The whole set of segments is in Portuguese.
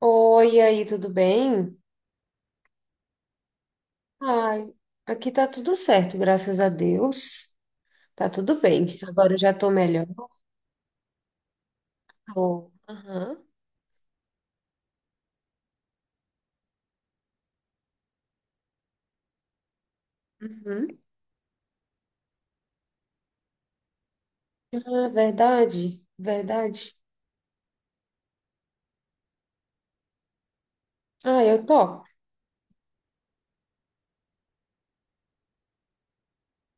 Oi, e aí, tudo bem? Ai, aqui tá tudo certo, graças a Deus. Tá tudo bem. Agora eu já tô melhor. Aham. Uhum. Ah, verdade, verdade. Ah, eu topo.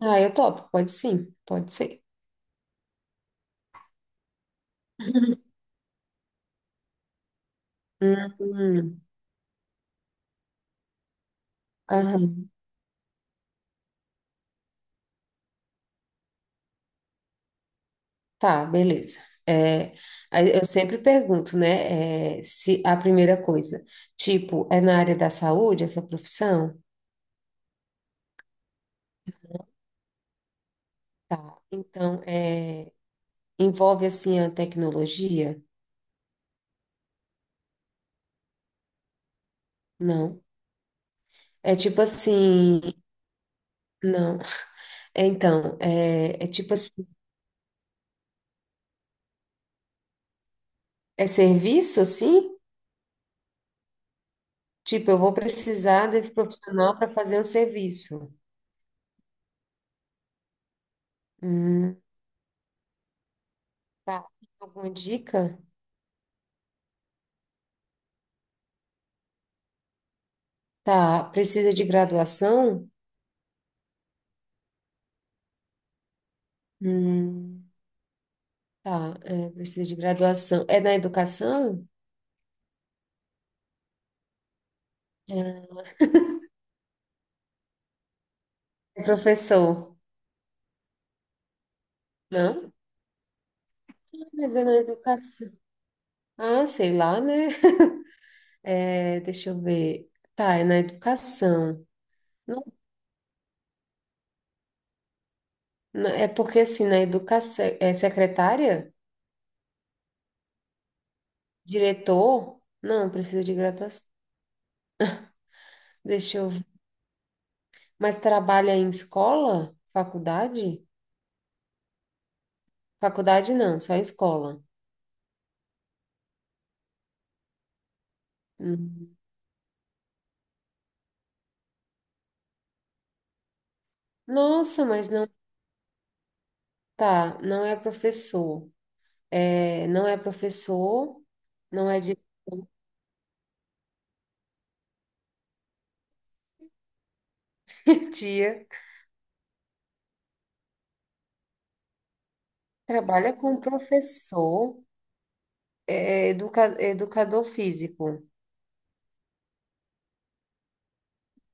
Ah, eu topo. Pode sim, pode ser. Uhum. Aham. Tá, beleza. É, aí eu sempre pergunto, né? Se a primeira coisa, tipo, é na área da saúde, essa profissão? Tá. Então, é. Envolve assim a tecnologia? Não. É tipo assim, não. Então, é tipo assim, é serviço assim? Tipo, eu vou precisar desse profissional para fazer um serviço. Hum, tá. Alguma dica? Tá. Precisa de graduação? Hum, tá. É, precisa de graduação. É na educação? É. É professor? Não? Mas é na educação. Ah, sei lá, né? É, deixa eu ver. Tá, é na educação. Não, não, É porque assim, na educação, é secretária, diretor, não precisa de graduação. Deixa eu ver. Mas trabalha em escola? Faculdade? Faculdade não, só em escola. Hum. Nossa, mas tá, não é professor. É, não é professor, não é de diretor. Trabalha com professor, é, educador físico.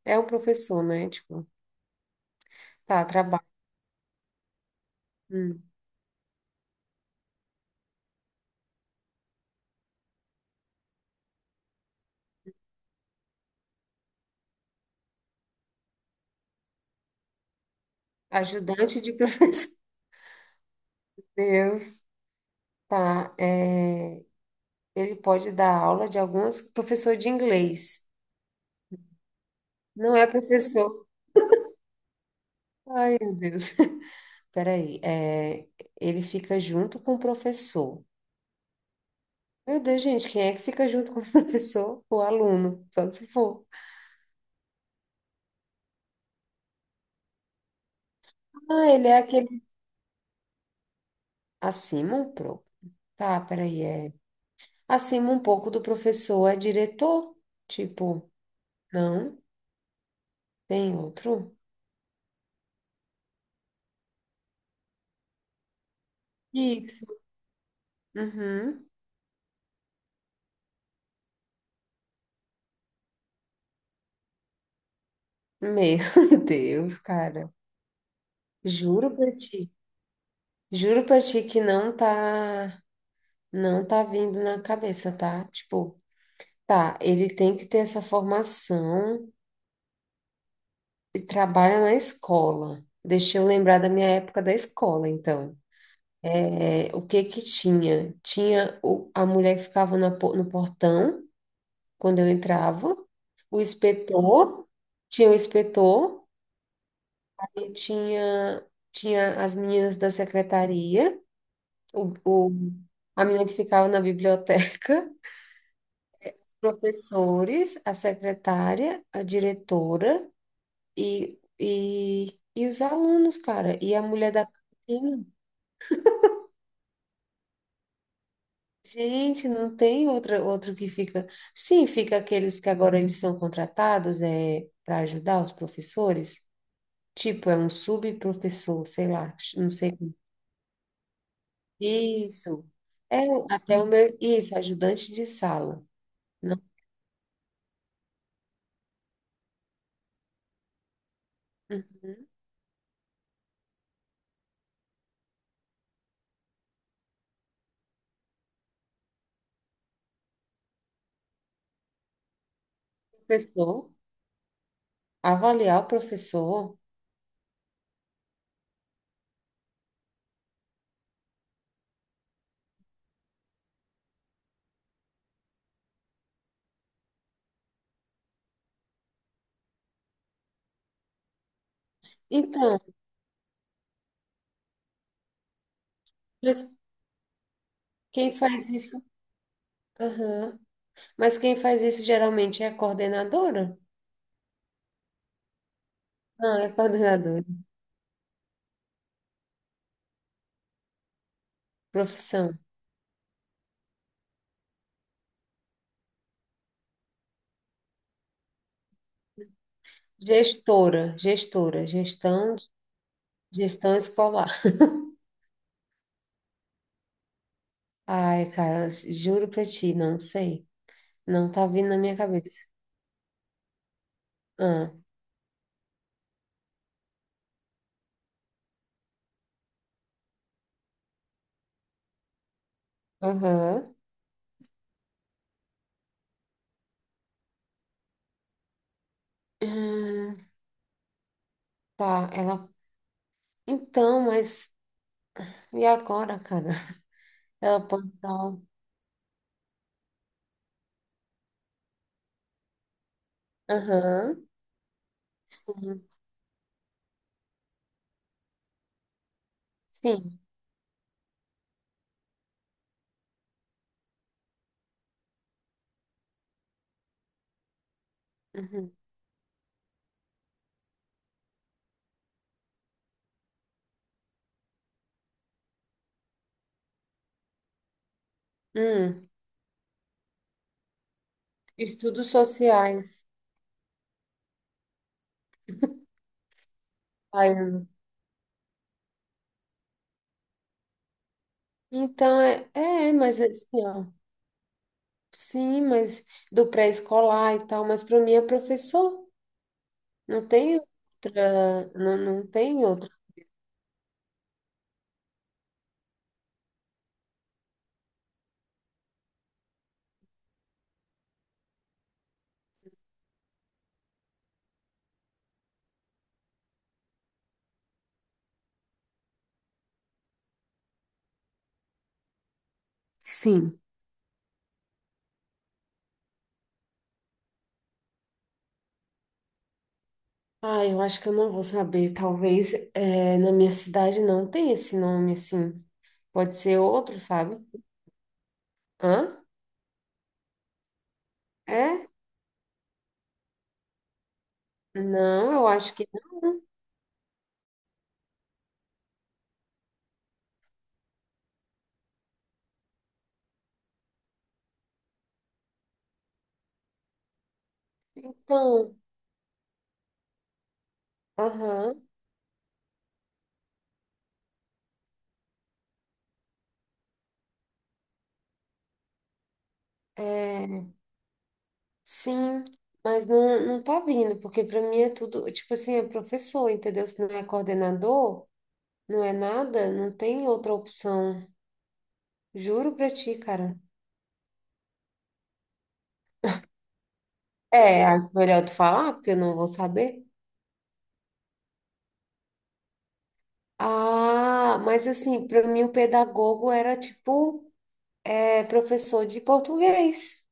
É o professor, né? Tipo, tá, trabalha. Hum. Ajudante de professor. Deus. Tá, é, ele pode dar aula de algumas professor de inglês. Não é professor. Ai, meu Deus. Peraí, é, ele fica junto com o professor. Meu Deus, gente, quem é que fica junto com o professor? O aluno, só se for. Ah, ele é aquele acima um pouco. Tá, peraí, é acima um pouco do professor é diretor? Tipo, não, tem outro? Isso. Uhum. Meu Deus, cara. Juro pra ti. Juro pra ti que não tá, Não tá vindo na cabeça, tá? Tipo, tá, ele tem que ter essa formação e trabalha na escola. Deixa eu lembrar da minha época da escola, então. É, o que que tinha? Tinha a mulher que ficava no portão, quando eu entrava, o inspetor, tinha o inspetor, e tinha as meninas da secretaria, o, o- a menina que ficava na biblioteca, professores, a secretária, a diretora e os alunos, cara. E a mulher da cantina. Gente, não tem outra, outro que fica. Sim, fica aqueles que agora eles são contratados é, para ajudar os professores. Tipo, é um subprofessor, sei lá, não sei. Isso. É até o meu. Isso, ajudante de sala. Não. Uhum. Professor, avaliar o professor. Então, mas quem faz isso? Aham. Mas quem faz isso geralmente é a coordenadora? Não, é coordenadora. Profissão. Gestora, gestora, gestão, Gestão escolar. Ai, cara, juro pra ti, não sei. Não tá vindo na minha cabeça. Ah, aham. Hum, tá, ela. Então, mas e agora, cara? Ela pode dar. Um, Aham. Sim. Sim. Uhum. Hum, Estudos sociais. Ai, mas assim, ó, sim, mas do pré-escolar e tal, mas para mim é professor, não tem outra, não, não tem outra. Sim. Ah, eu acho que eu não vou saber, talvez é, na minha cidade não tem esse nome, assim, pode ser outro, sabe? Hã? É? Não, eu acho que não. Então, aham, é, sim, mas não, não tá vindo, porque para mim é tudo, tipo assim, é professor, entendeu? Se não é coordenador... Não é nada, não tem outra opção. Juro pra ti, cara. É, acho melhor tu falar, porque eu não vou saber. Ah, mas assim, pra mim o pedagogo era tipo é, professor de português.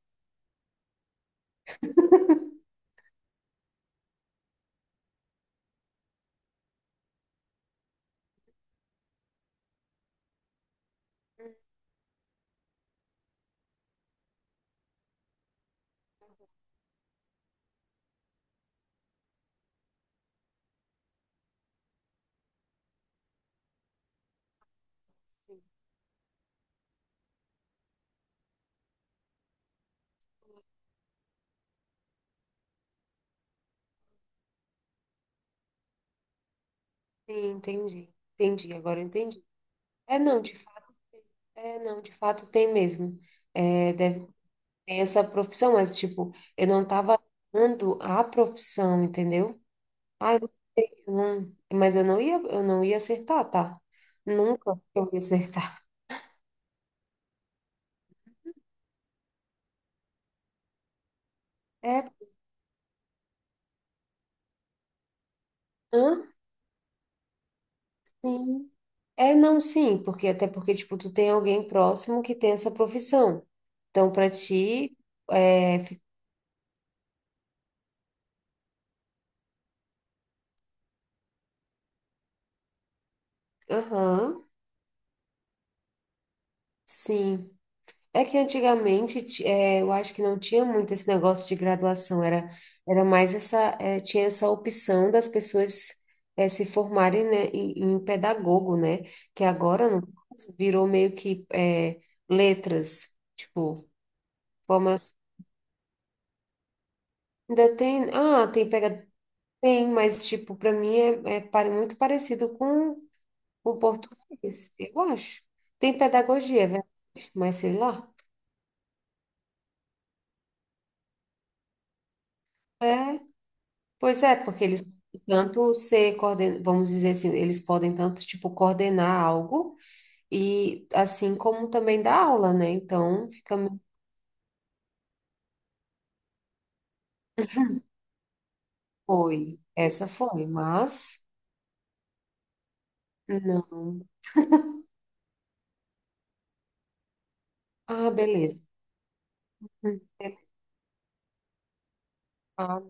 Sim, entendi. Entendi, agora eu entendi. É, não, de fato, é, não, De fato tem mesmo. É, deve ter essa profissão, mas tipo, eu não tava dando a profissão, entendeu? Ah, eu não, eu não ia acertar, tá? Nunca eu ia acertar. É, hã? Sim. É, não, Sim, porque até porque, tipo, tu tem alguém próximo que tem essa profissão. Então, para ti, é, aham, sim. É que antigamente, é, eu acho que não tinha muito esse negócio de graduação, era mais essa, é, tinha essa opção das pessoas, é, se formarem, né, em, em pedagogo, né? Que agora, no caso, virou meio que, é, letras, tipo, formas... Ah, tem pega, sim, mas tipo, para mim é, muito parecido com o português, eu acho. Tem pedagogia, é verdade, mas sei lá. É, pois é, porque eles podem vamos dizer assim, eles podem tanto tipo coordenar algo e assim como também dar aula, né? Então fica meio, foi, essa foi, mas não. Ah, beleza. É, Ah,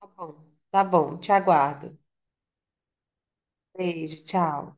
tá bom. Tá bom, te aguardo. Beijo, tchau.